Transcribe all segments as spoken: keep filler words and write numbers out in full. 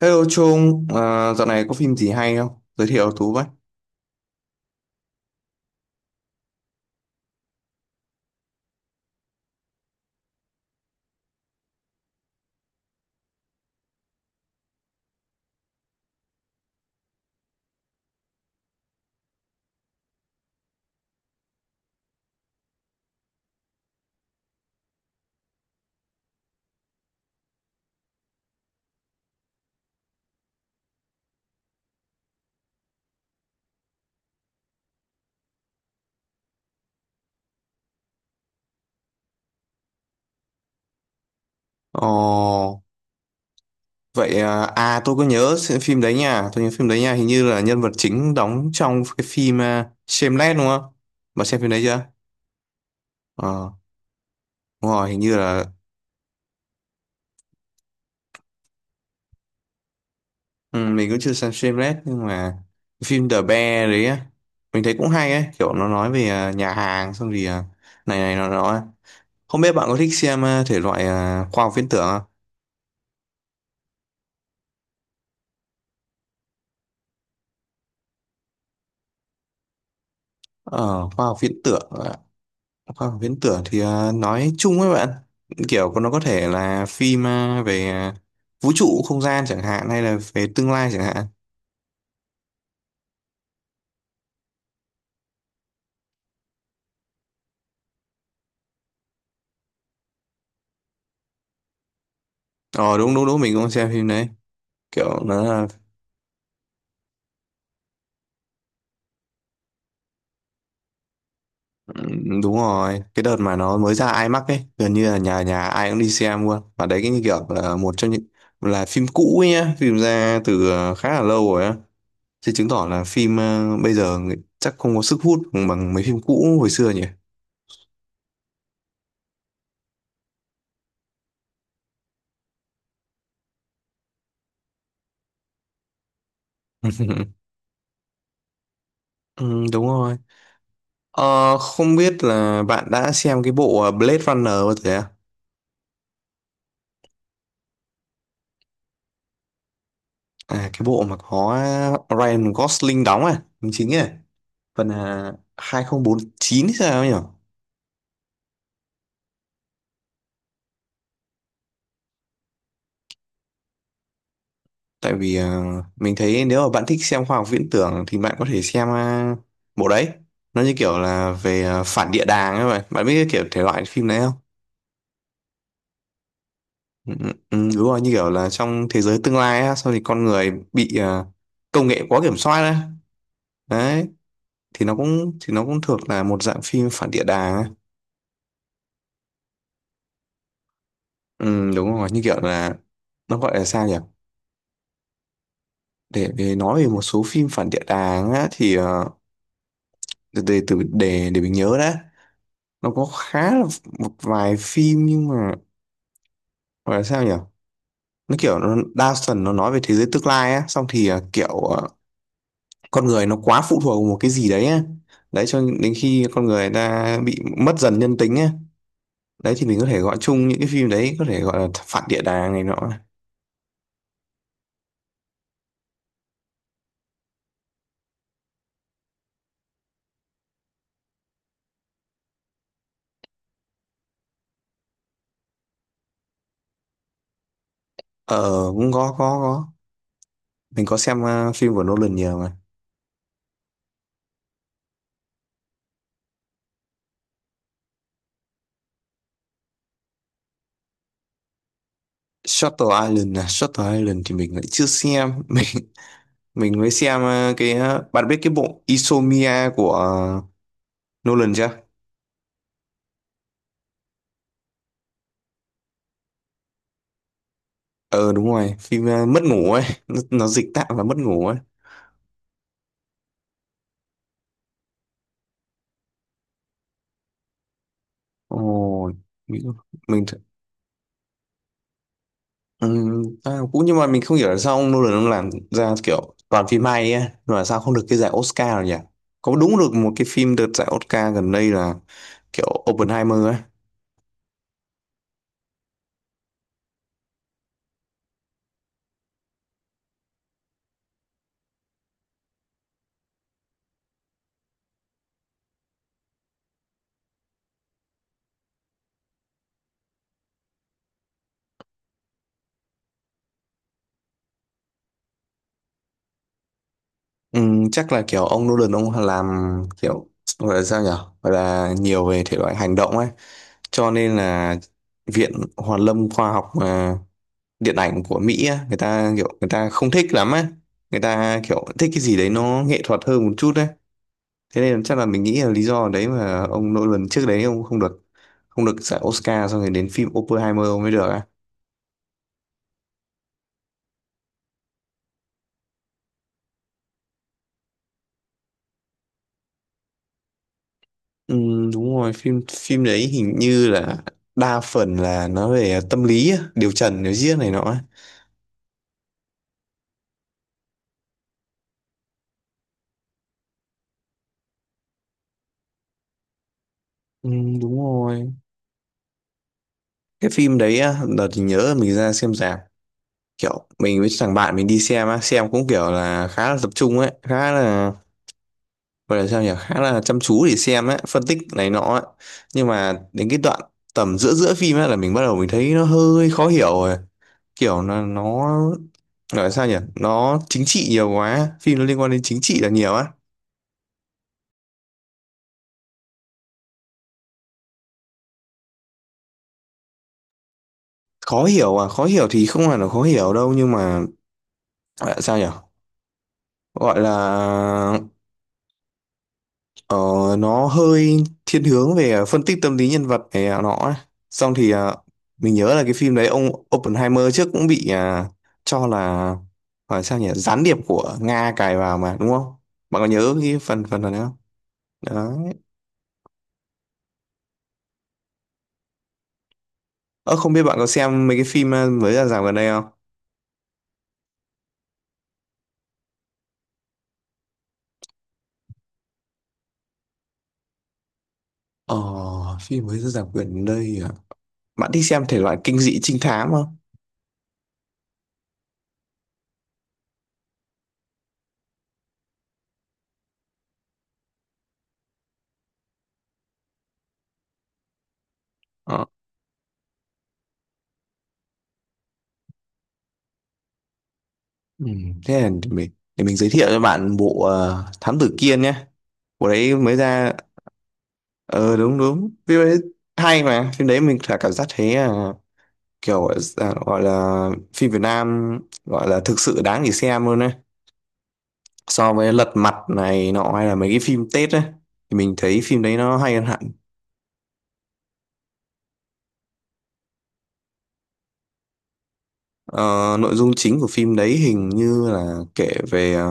Hello Trung, à, dạo này có phim gì hay không? Giới thiệu Tú với. Ồ, vậy à, à tôi có nhớ xem phim đấy nha, tôi nhớ phim đấy nha, hình như là nhân vật chính đóng trong cái phim uh, Shameless đúng không? Bà xem phim đấy chưa? Ờ, đúng rồi, hình như là ừ, mình cũng chưa xem Shameless nhưng mà cái phim The Bear đấy á, mình thấy cũng hay ấy, kiểu nó nói về à, nhà hàng xong thì à, này này nó nó. Không biết bạn có thích xem à, thể loại à, khoa học viễn tưởng không? Ờ, khoa học viễn tưởng à, khoa học viễn tưởng thì ờ, nói chung ấy bạn kiểu nó có thể là phim ờ, về ờ, vũ trụ không gian chẳng hạn hay là về tương lai chẳng hạn. Ờ đúng đúng đúng, mình cũng xem phim đấy, kiểu nó là ừm, đúng rồi. Cái đợt mà nó mới ra IMAX ấy gần như là nhà nhà ai cũng đi xem luôn, và đấy cái như kiểu là một trong những là phim cũ ấy nhá, phim ra từ ờ, khá là lâu rồi á, thì chứng tỏ là phim ờ, bây giờ người- chắc không có sức hút bằng mấy phim cũ hồi xưa nhỉ. Ừ, đúng rồi. Ờ, không biết là bạn đã xem cái bộ ờ, Blade Runner bao giờ à? À, cái bộ mà có Ryan Gosling đóng à, đóng chính à, phần à, hai không bốn chín hay sao ấy nhỉ? Tại vì ờ, mình thấy nếu mà bạn thích xem khoa học viễn tưởng thì bạn có thể xem ờ, bộ đấy. Nó như kiểu là về ờ, phản địa đàng ấy vậy. Bạn biết cái kiểu thể loại phim đấy không? Ừ, ừ, ừ, đúng rồi, như kiểu là trong thế giới tương lai á, sau thì con người bị ờ, công nghệ quá kiểm soát á. Đấy, thì nó cũng thì nó cũng thuộc là một dạng phim phản địa đàng ấy. Ừ, đúng rồi, như kiểu là nó gọi là sao nhỉ, để, để nói về một số phim phản địa đàng á thì ờ, để để- từ để để mình nhớ đã. Nó có khá là một vài phim, nhưng mà gọi là sao nhỉ, nó kiểu nó đa phần nó nói về thế giới tương lai á, xong thì ờ, kiểu ờ, con người nó quá phụ thuộc vào một cái gì đấy á, đấy cho đến khi con người ta bị mất dần nhân tính á, đấy thì mình có thể gọi chung những cái phim đấy có thể gọi là phản địa đàng này nọ. Ờ, cũng có có có. Mình có xem ờ, phim của Nolan nhiều mà. Shutter Island à? Shutter Island thì mình lại chưa xem. Mình mình mới xem ờ, cái ờ, bạn biết cái bộ Insomnia của ờ, Nolan chưa? Ờ đúng rồi, phim ờ, mất ngủ ấy. Nó, nó dịch tạm là mất ngủ ấy. Ồ. Mình, mình th- ừm, à, cũng nhưng mà mình không hiểu là sao ông Nolan ông làm ra kiểu toàn phim hay ấy. Mà sao không được cái giải Oscar rồi nhỉ? Có đúng được một cái phim đợt giải Oscar gần đây là kiểu Oppenheimer ấy. Ừ, chắc là kiểu ông Nolan ông làm kiểu gọi là sao nhở, gọi là nhiều về thể loại hành động ấy, cho nên là viện Hàn lâm khoa học à, điện ảnh của Mỹ á, người ta kiểu người ta không thích lắm ấy, người ta kiểu thích cái gì đấy nó nghệ thuật hơn một chút đấy. Thế nên chắc là mình nghĩ là lý do đấy mà ông Nolan trước đấy ông không được không được giải Oscar, xong rồi đến phim Oppenheimer ông mới được á. Ừ, đúng rồi. Phim phim đấy hình như là đa phần là nó về tâm lý á, điều trần điều giết này nọ ấy. Ừ, đúng rồi. Cái phim đấy á, đợt thì nhớ là mình ra xem rạp, kiểu mình với thằng bạn mình đi xem á, xem cũng kiểu là khá là tập trung ấy, khá là gọi là sao nhỉ, khá là chăm chú để xem ấy, phân tích này nọ ấy. Nhưng mà đến cái đoạn tầm giữa giữa phim ấy là mình bắt đầu mình thấy nó hơi khó hiểu rồi, kiểu nó nó gọi là sao nhỉ, nó chính trị nhiều quá, phim nó liên quan đến chính trị là nhiều á. Khó hiểu à? Khó hiểu thì không hẳn là khó hiểu đâu, nhưng mà gọi là sao nhỉ, gọi là Ờ, nó hơi thiên hướng về phân tích tâm lý nhân vật này nó ấy. Xong thì ờ, mình nhớ là cái phim đấy ông Oppenheimer trước cũng bị à, cho là phải sao nhỉ gián điệp của Nga cài vào mà đúng không? Bạn có nhớ cái phần phần này không? Đấy. Ờ, không biết bạn có xem mấy cái phim ờ, mới ra rạp gần đây không? Ờ, phim mới ra rạp gần đây à? Bạn thích xem thể loại kinh dị trinh thám không? Ờ. Ừ, thế là để mình, để mình giới thiệu cho bạn bộ ờ, Thám Tử Kiên nhé. Bộ đấy mới ra. Ờ đúng đúng, phim đấy hay mà, phim đấy mình cả cảm giác thấy à, kiểu à, gọi là phim Việt Nam, gọi là thực sự đáng để xem luôn đấy. So với Lật Mặt này nọ hay là mấy cái phim Tết ấy, thì mình thấy phim đấy nó hay hơn hẳn. Ờ, nội dung chính của phim đấy hình như là kể về à,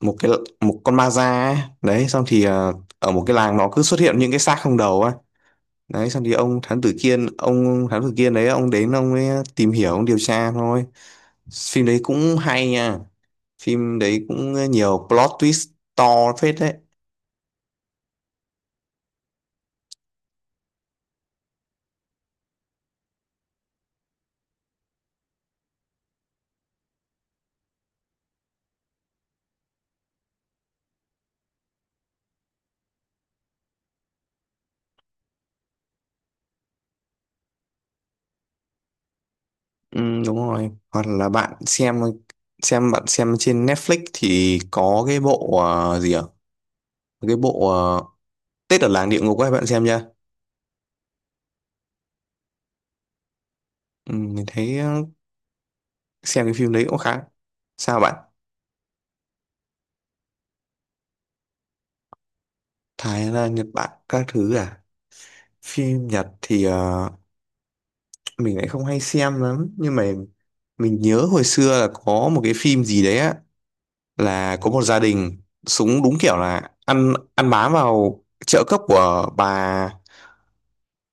một cái một con ma da ấy. Đấy, xong thì à, ở một cái làng nó cứ xuất hiện những cái xác không đầu ấy. Đấy xong thì ông thám tử Kiên ông thám tử Kiên đấy ông đến ông ấy tìm hiểu ông điều tra thôi. Phim đấy cũng hay nha, phim đấy cũng nhiều plot twist to phết đấy. Ừ, đúng rồi. Hoặc là bạn xem xem bạn xem trên Netflix thì có cái bộ ờ, gì ạ cái bộ ờ, Tết ở làng địa ngục ấy, bạn xem chưa. Ừ, mình thấy ờ, xem cái phim đấy cũng khá. Sao bạn? Thái là Nhật Bản các thứ à? Phim Nhật thì ờ, mình lại không hay xem lắm, nhưng mà mình nhớ hồi xưa là có một cái phim gì đấy á, là có một gia đình súng đúng kiểu là ăn ăn bám vào trợ cấp của bà,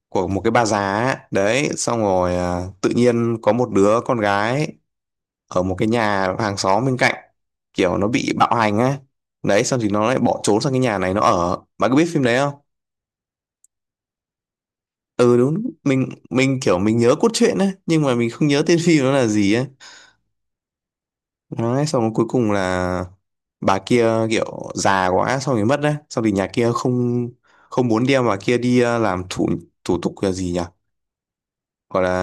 của một cái bà già ấy. Đấy xong rồi à, tự nhiên có một đứa con gái ở một cái nhà hàng xóm bên cạnh kiểu nó bị bạo hành á. Đấy xong thì nó lại bỏ trốn sang cái nhà này nó ở. Bạn có biết phim đấy không? Ừ đúng, mình mình kiểu mình nhớ cốt truyện ấy nhưng mà mình không nhớ tên phim nó là gì ấy. Đấy, xong rồi cuối cùng là bà kia kiểu già quá xong rồi mất, đấy xong thì nhà kia không không muốn đem bà kia đi ờ, làm thủ thủ tục là gì nhỉ, gọi là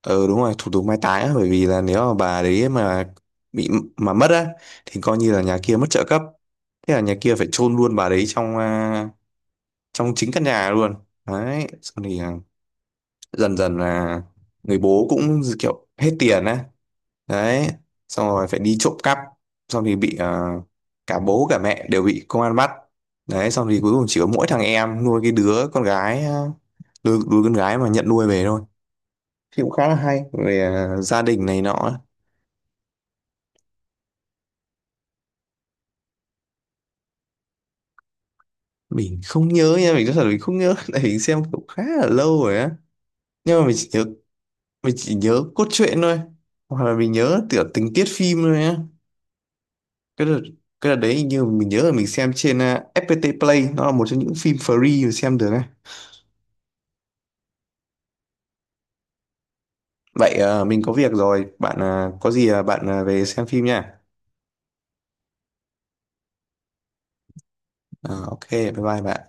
ờ đúng rồi, thủ tục mai táng á. Bởi vì là nếu mà bà đấy mà bị mà mất á thì coi như là nhà kia mất trợ cấp, thế là nhà kia phải chôn luôn bà đấy trong à, trong chính căn nhà luôn. Đấy xong thì à, dần dần là người bố cũng kiểu hết tiền á, đấy xong rồi phải đi trộm cắp, xong thì bị ờ, cả bố cả mẹ đều bị công an bắt. Đấy xong thì cuối cùng chỉ có mỗi thằng em nuôi cái đứa con gái, ờ, đứa, đứa con gái mà nhận nuôi về thôi. Thì cũng khá là hay về ờ, gia đình này nọ. Mình không nhớ nha, mình nói thật là mình không nhớ. Tại mình xem cũng khá là lâu rồi á, nhưng mà mình chỉ nhớ mình chỉ nhớ cốt truyện thôi, hoặc là mình nhớ tiểu tình tiết phim thôi á. cái đợt cái đợt đấy hình như mình nhớ là mình xem trên ờ, ép pê tê Play, nó là một trong những phim free mình xem được á. Vậy ờ, mình có việc rồi, bạn ờ, có gì ờ, bạn ờ, về xem phim nha. Ờ, ok, bye bye bạn.